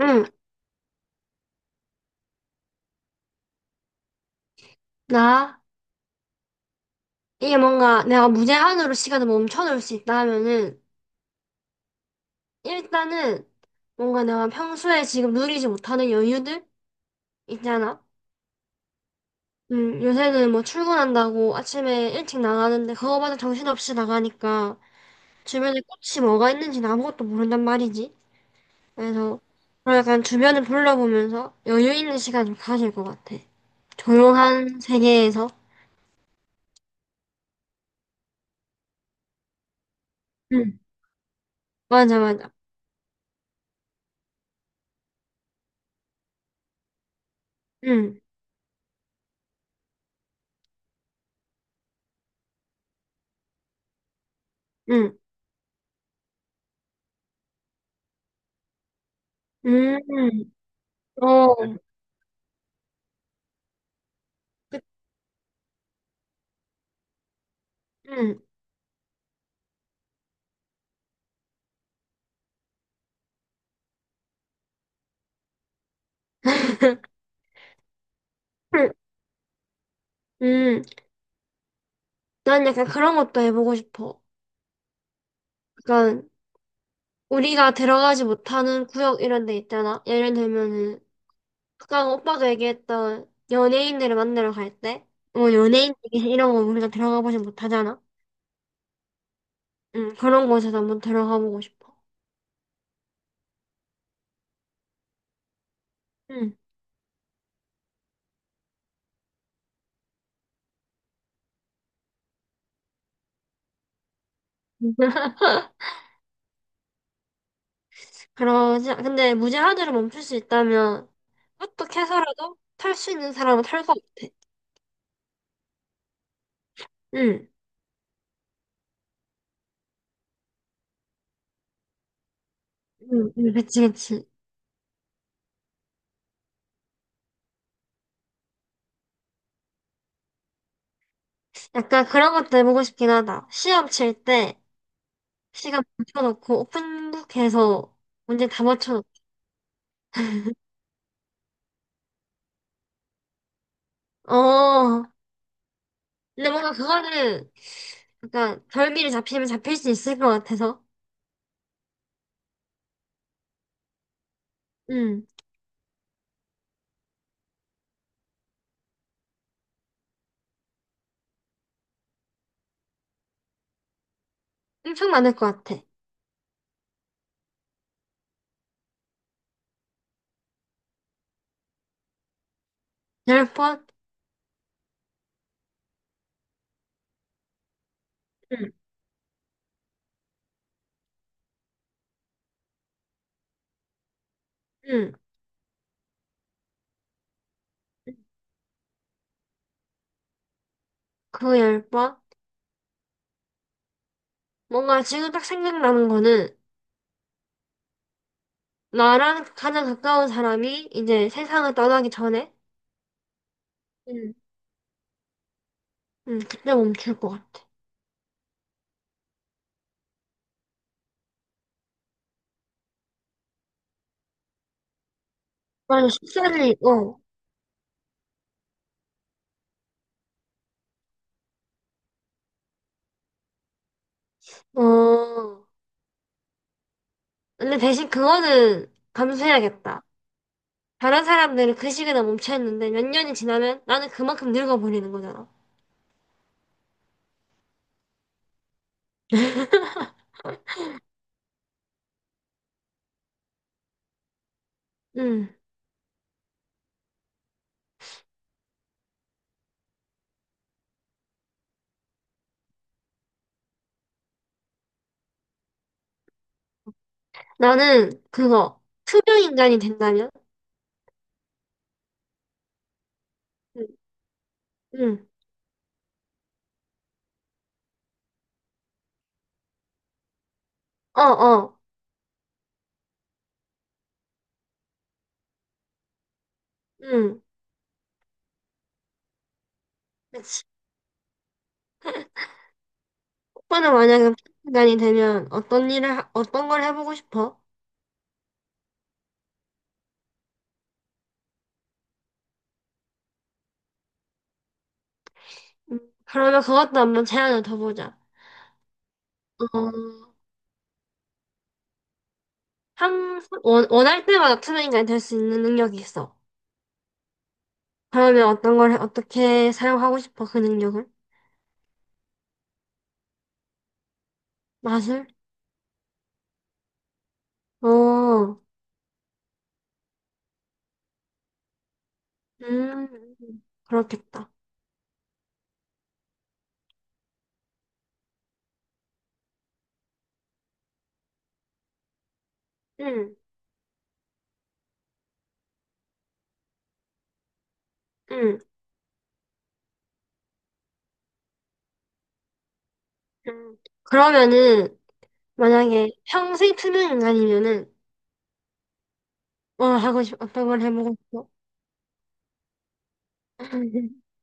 응, 나, 이게 뭔가 내가 무제한으로 시간을 멈춰놓을 수 있다 하면은, 일단은 뭔가 내가 평소에 지금 누리지 못하는 여유들 있잖아. 요새는 뭐 출근한다고 아침에 일찍 나가는데 그거마저 정신없이 나가니까 주변에 꽃이 뭐가 있는지는 아무것도 모른단 말이지. 그래서 약간 주변을 둘러보면서 여유 있는 시간 좀 가질 것 같아. 조용한 세계에서. 응, 맞아, 맞아. 응, 응, 음, 어. 응. 음, 난 약간 그런 것도 해보고 싶어. 약간, 우리가 들어가지 못하는 구역 이런 데 있잖아. 예를 들면은, 아까 오빠가 얘기했던 연예인들을 만나러 갈 때, 뭐 연예인 얘기 이런 거 우리가 들어가 보지 못하잖아. 응, 그런 곳에서 한번 들어가 보고 싶어. 응. 그러지, 근데 무제한으로 멈출 수 있다면, 어떻게 해서라도 탈 수 있는 사람은 탈 것 같아. 응, 응, 응, 그치, 그치. 약간 그런 것도 해보고 싶긴 하다. 시험 칠 때 시간 맞춰놓고 오픈북 해서 문제 다 맞춰놓고. 어, 근데 뭔가 그거는 약간 별미를 잡히면 잡힐 수 있을 것 같아서. 음, 엄청 많을 것 같아. 열 번? 응, 응. 그 열 번? 뭔가 지금 딱 생각나는 거는 나랑 가장 가까운 사람이 이제 세상을 떠나기 전에 응, 응, 그때 멈출 것 같아. 맞아, 14일, 어, 어. 근데 대신 그거는 감수해야겠다. 다른 사람들은 그 시기에 멈춰있는데 몇 년이 지나면 나는 그만큼 늙어버리는 거잖아. 응. 나는 그거 투명인간이 된다면? 응. 응. 어, 어. 응. 그치. 오빠는 만약에 투명인간이 되면 어떤 일을, 하- 어떤 걸 해보고 싶어? 응. 그러면 그것도 한번 제안을 더 보자. 어, 항상 원할 때마다 투명인간이 될 수 있는 능력이 있어. 그러면 어떤 걸, 해- 어떻게 사용하고 싶어? 그 능력을? 맛을? 어, 음, 그렇겠다. 응 응 응 그러면은, 만약에 평생 투명 인간이면은, 뭐 하고 싶, 어떤 걸 해보고 싶어?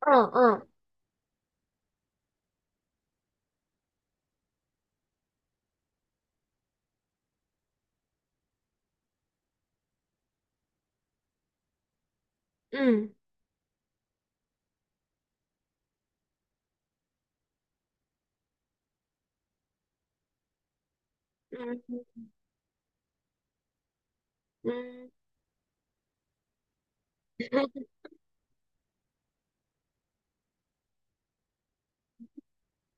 어, 어, 응 응 응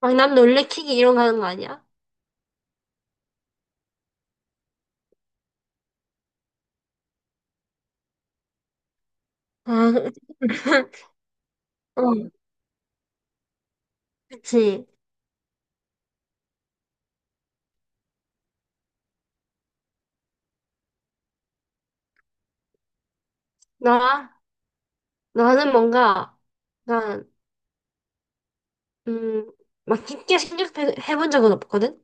막 남 놀래키기 이런 거 하는 거 아니야? 아, 어, 그치. 나, 나는 뭔가, 난, 음, 막 깊게 생각해본 적은 없거든?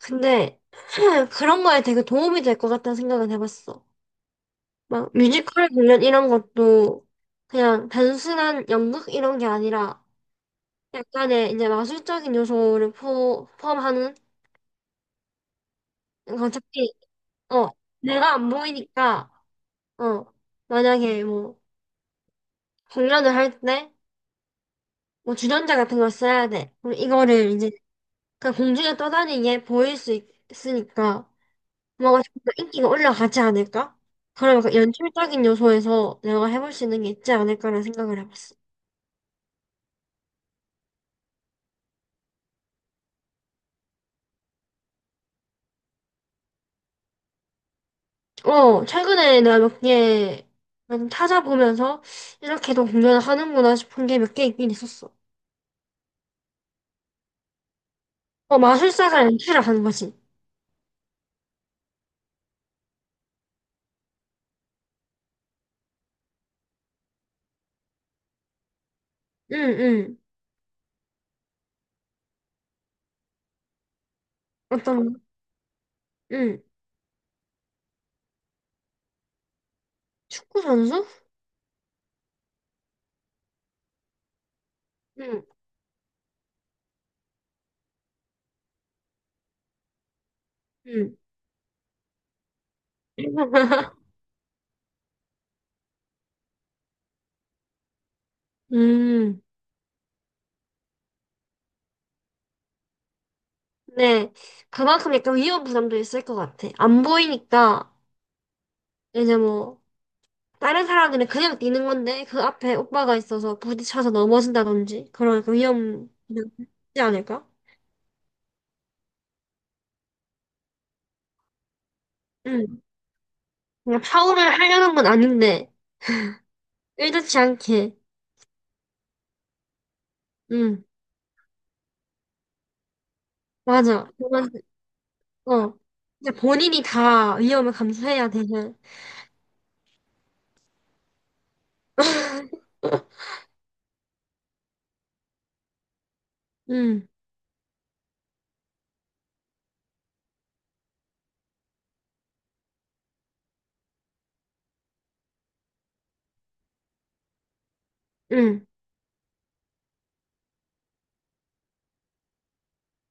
근데, 그런 거에 되게 도움이 될 것 같다는 생각은 해봤어. 막 뮤지컬 공연 이런 것도 그냥 단순한 연극 이런 게 아니라 약간의 이제 마술적인 요소를 포함하는 그러니까 어차피 어 내가 안 보이니까 어 만약에 뭐 공연을 할 때 뭐 주전자 같은 걸 써야 돼. 그럼 이거를 이제 그냥 공중에 떠다니게 보일 수 있으니까 뭔가 좀 더 인기가 올라가지 않을까? 그런 약간 연출적인 요소에서 내가 해볼 수 있는 게 있지 않을까라는 생각을 해봤어. 어, 최근에 내가 몇 개, 찾아보면서, 이렇게도 공연을 하는구나 싶은 게 몇 개 있긴 있었어. 어, 마술사가 연출을 하는 거지. 응, 응. 어떤, 거? 응. 축구 선수? 응, 응. 음, 네. 그만큼 약간 위험 부담도 있을 것 같아. 안 보이니까, 이제 뭐, 다른 사람들은 그냥 뛰는 건데, 그 앞에 오빠가 있어서 부딪혀서 넘어진다든지, 그런 약간 위험, 부담이 있지 않을까? 응. 그냥 파울을 하려는 건 아닌데, 의도치 않게. 응, 맞아. 그건, 어. 이제 본인이 다 위험을 감수해야 되는. 응, 응,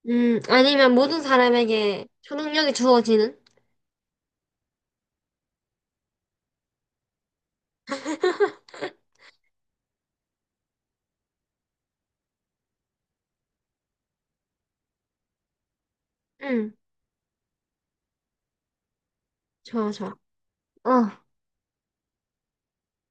응. 아니면 모든 사람에게 초능력이 주어지는? 응, 좋아, 좋아. 어.